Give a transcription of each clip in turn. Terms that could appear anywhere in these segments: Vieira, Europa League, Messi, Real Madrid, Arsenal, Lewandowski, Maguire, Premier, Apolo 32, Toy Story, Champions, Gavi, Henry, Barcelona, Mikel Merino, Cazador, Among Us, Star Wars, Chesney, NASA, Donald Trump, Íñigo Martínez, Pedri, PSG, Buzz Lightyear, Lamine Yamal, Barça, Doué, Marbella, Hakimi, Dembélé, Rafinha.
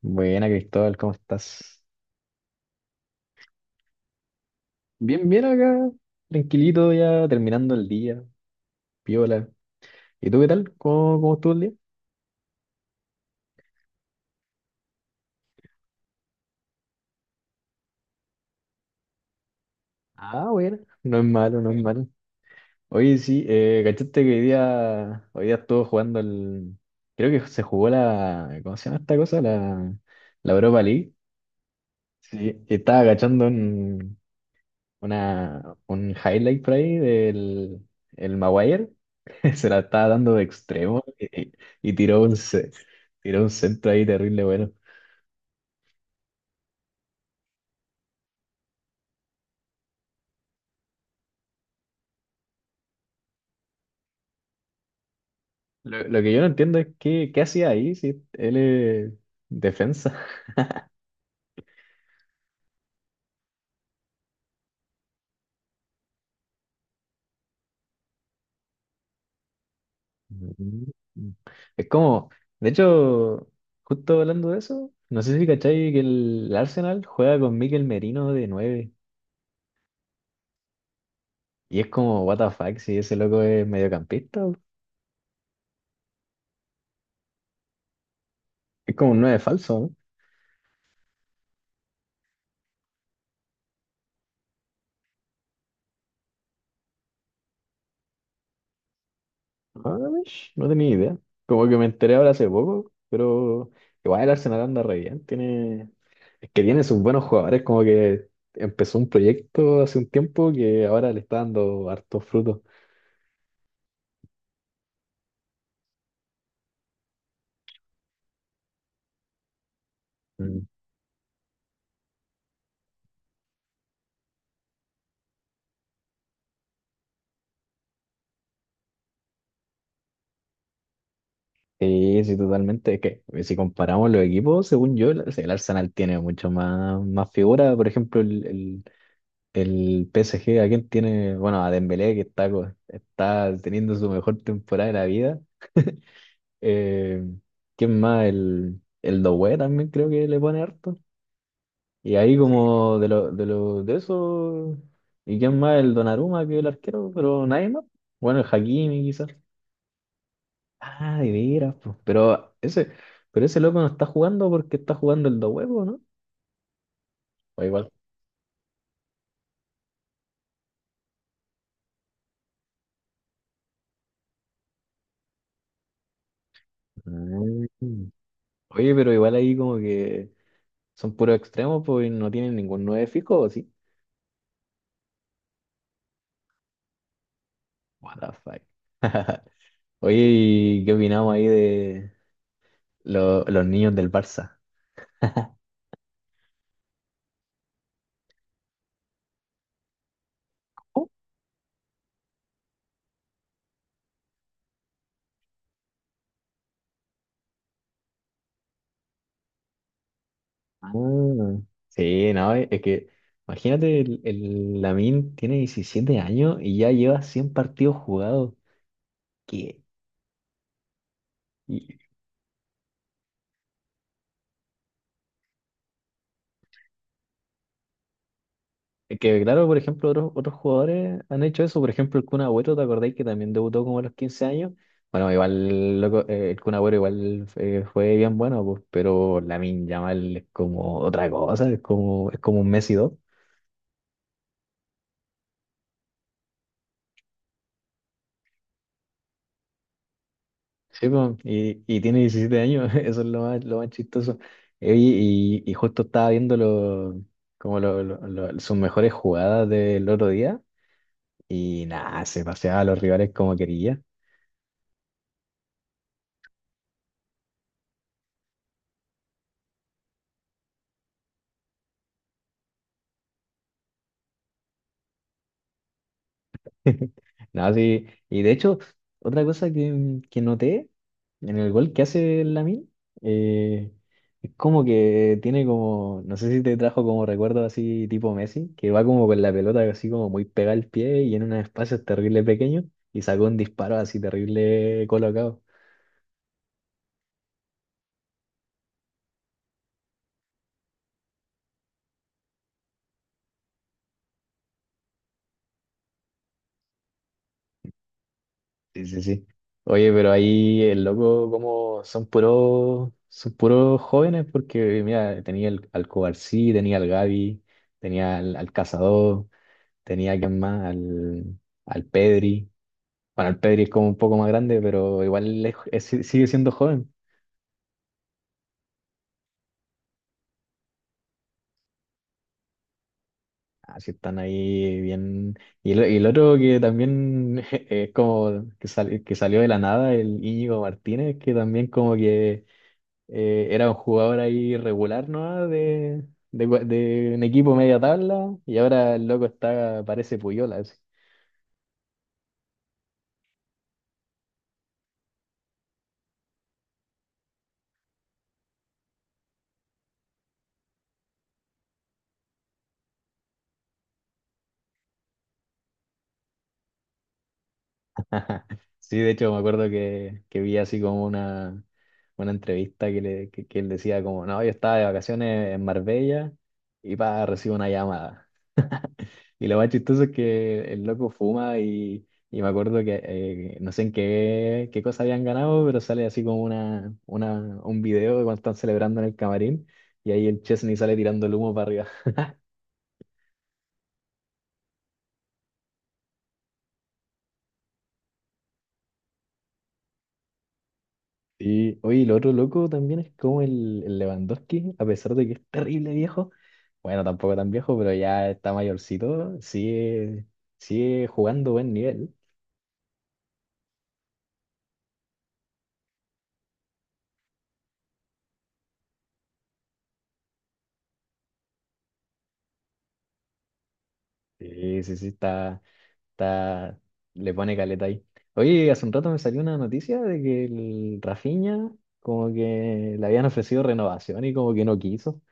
Buena, Cristóbal, ¿cómo estás? Bien, bien acá, tranquilito ya, terminando el día, piola. ¿Y tú qué tal? ¿Cómo estuvo el día? Ah, bueno, no es malo, no es malo. Oye, sí, cachaste que hoy día estuvo jugando el... Creo que se jugó la... ¿Cómo se llama esta cosa? La Europa League. Sí, estaba cachando un highlight por ahí del el Maguire. Se la estaba dando de extremo y tiró tiró un centro ahí terrible. Bueno, lo que yo no entiendo es qué hacía ahí si él es defensa. Mm. Es como, de hecho, justo hablando de eso, no sé si cachai que el Arsenal juega con Mikel Merino de 9 y es como, what the fuck, si ese loco es mediocampista. Es como un 9 falso, ¿no? Ah, mish, no tenía idea. Como que me enteré ahora hace poco, pero igual el Arsenal anda re bien, tiene. Es que tiene sus buenos jugadores, como que empezó un proyecto hace un tiempo que ahora le está dando hartos frutos. Mm. Sí, sí, totalmente. Es que si comparamos los equipos, según yo, el Arsenal tiene mucho más, más figura. Por ejemplo, el PSG, ¿a quién tiene? Bueno, a Dembélé, que está teniendo su mejor temporada de la vida. Eh, ¿Quién más? El Doué también creo que le pone harto. Y ahí como de eso, ¿y quién más? El Donnarumma que el arquero, pero nadie más. Bueno, el Hakimi quizás. Ah, de veras, pues. Pero ese loco no está jugando porque está jugando el dos huevos, ¿no? O igual. Mm. Oye, pero igual ahí como que son puros, extremos, pues y no tienen ningún nueve fijo, ¿o sí? What the fuck. Oye, ¿y qué opinamos ahí de los niños del Barça? Ah, sí, no, es que imagínate, el Lamine tiene 17 años y ya lleva 100 partidos jugados. Que, y- que claro, por ejemplo, otros jugadores han hecho eso. Por ejemplo, el Kun Agüero, ¿te acordáis que también debutó como a los 15 años? Bueno, igual loco, el Kun Agüero igual fue bien bueno, pues, pero Lamine Yamal es como otra cosa, es como un Messi dos. Sí, po, y tiene 17 años, eso es lo más chistoso. Y justo estaba viendo lo- como lo- sus mejores jugadas del otro día y nada, se paseaba a los rivales como quería. No, sí. Y de hecho, otra cosa que noté en el gol que hace Lamine, eh, es como que tiene como, no sé si te trajo como recuerdo así tipo Messi, que va como con la pelota así como muy pegada al pie y en unos espacios terrible pequeños y sacó un disparo así terrible colocado. Sí, sí, sí. Oye, pero ahí el loco como son puros jóvenes porque mira, tenía el, al Cobarsí, tenía al Gavi, tenía al Cazador. Tenía quien más, al Pedri. Bueno, el Pedri es como un poco más grande, pero igual es- si, sigue siendo joven. Así están ahí bien. Y el otro que también es como que, que salió de la nada, el Íñigo Martínez, que también como que era un jugador ahí regular, ¿no? De un equipo media tabla, y ahora el loco está, parece Puyola. Así. Sí, de hecho me acuerdo que vi así como una entrevista que él decía como, no, yo estaba de vacaciones en Marbella y pa, recibo una llamada. Y lo más chistoso es que el loco fuma y me acuerdo que no sé en qué, qué cosa habían ganado, pero sale así como un video de cuando están celebrando en el camarín y ahí el Chesney sale tirando el humo para arriba. Sí, oye, y lo otro loco también es como el Lewandowski, a pesar de que es terrible viejo, bueno, tampoco tan viejo, pero ya está mayorcito, sigue jugando buen nivel. Sí, sí, sí, está, le pone caleta ahí. Oye, hace un rato me salió una noticia de que el Rafinha como que le habían ofrecido renovación y como que no quiso.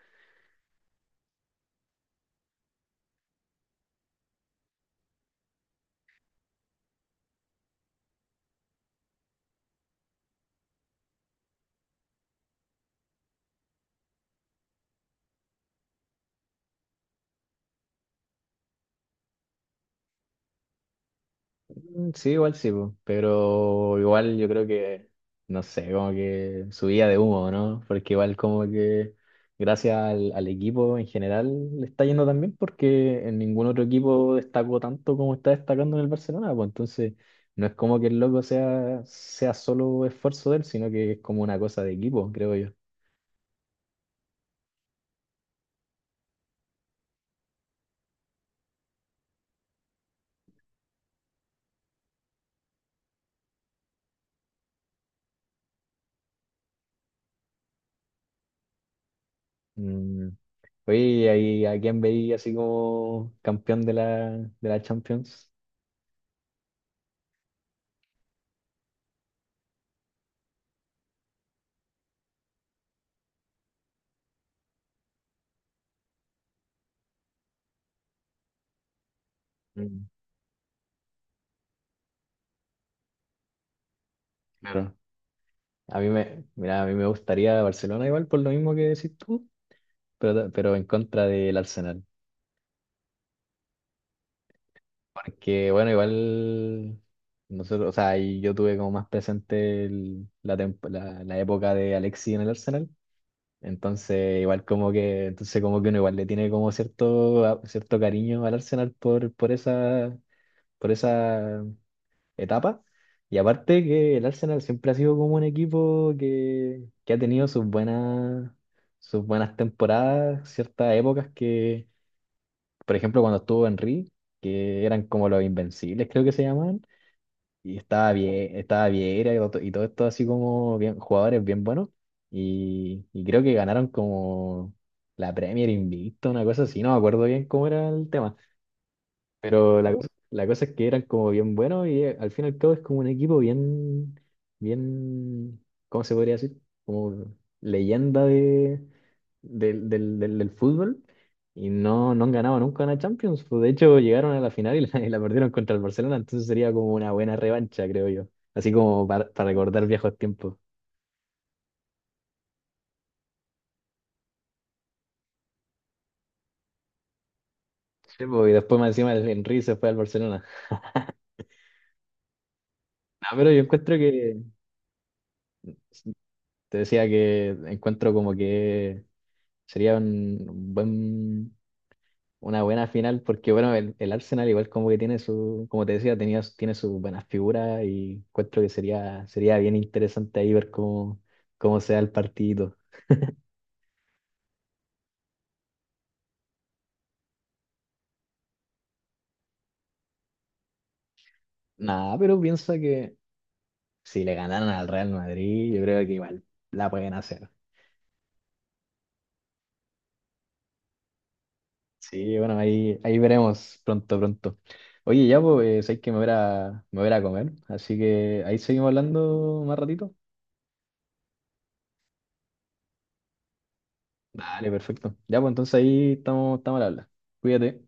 Mm, sí, igual sí, po, pero igual yo creo que, no sé, como que subía de humo, ¿no? Porque igual como que gracias al equipo en general le está yendo también porque en ningún otro equipo destacó tanto como está destacando en el Barcelona, pues entonces no es como que el loco sea solo esfuerzo de él, sino que es como una cosa de equipo, creo yo. Mm. Oye, ¿y ahí a quién veía así como campeón de la Champions? Mm. Claro. A mí me, mira, a mí me gustaría Barcelona igual por lo mismo que decís tú, pero en contra del Arsenal. Porque bueno, igual nosotros, o sea, y yo tuve como más presente la época de Alexis en el Arsenal. Entonces, igual como que, entonces como que uno igual le tiene como cierto, cierto cariño al Arsenal por esa, por esa etapa. Y aparte que el Arsenal siempre ha sido como un equipo que ha tenido sus buenas temporadas, ciertas épocas que, por ejemplo, cuando estuvo Henry, que eran como los invencibles, creo que se llamaban, y estaba bien, estaba Vieira y todo esto así como bien, jugadores bien buenos. Y creo que ganaron como la Premier Invicta, una cosa así, no me acuerdo bien cómo era el tema. Pero la cosa es que eran como bien buenos y al fin y al cabo es como un equipo bien, bien, ¿cómo se podría decir? Como leyenda de, del, del, del, del fútbol y no, no han ganado nunca una Champions. Pues, de hecho, llegaron a la final y la, y la perdieron contra el Barcelona, entonces sería como una buena revancha, creo yo. Así como para recordar viejos tiempos. Sí, pues, y después más encima el Henry se fue al Barcelona. No, pero yo encuentro que, te decía que encuentro como que sería un buen, una buena final porque, bueno, el Arsenal igual como que tiene su, como te decía, tiene sus buenas figuras y encuentro que sería, sería bien interesante ahí ver cómo, cómo se da el partido. Nada, pero piensa que si le ganaran al Real Madrid, yo creo que igual la pueden hacer. Sí, bueno, ahí, ahí veremos pronto, pronto. Oye, ya pues, hay que me voy a comer, así que ahí seguimos hablando más ratito. Vale, perfecto. Ya, pues entonces ahí estamos al habla. Cuídate.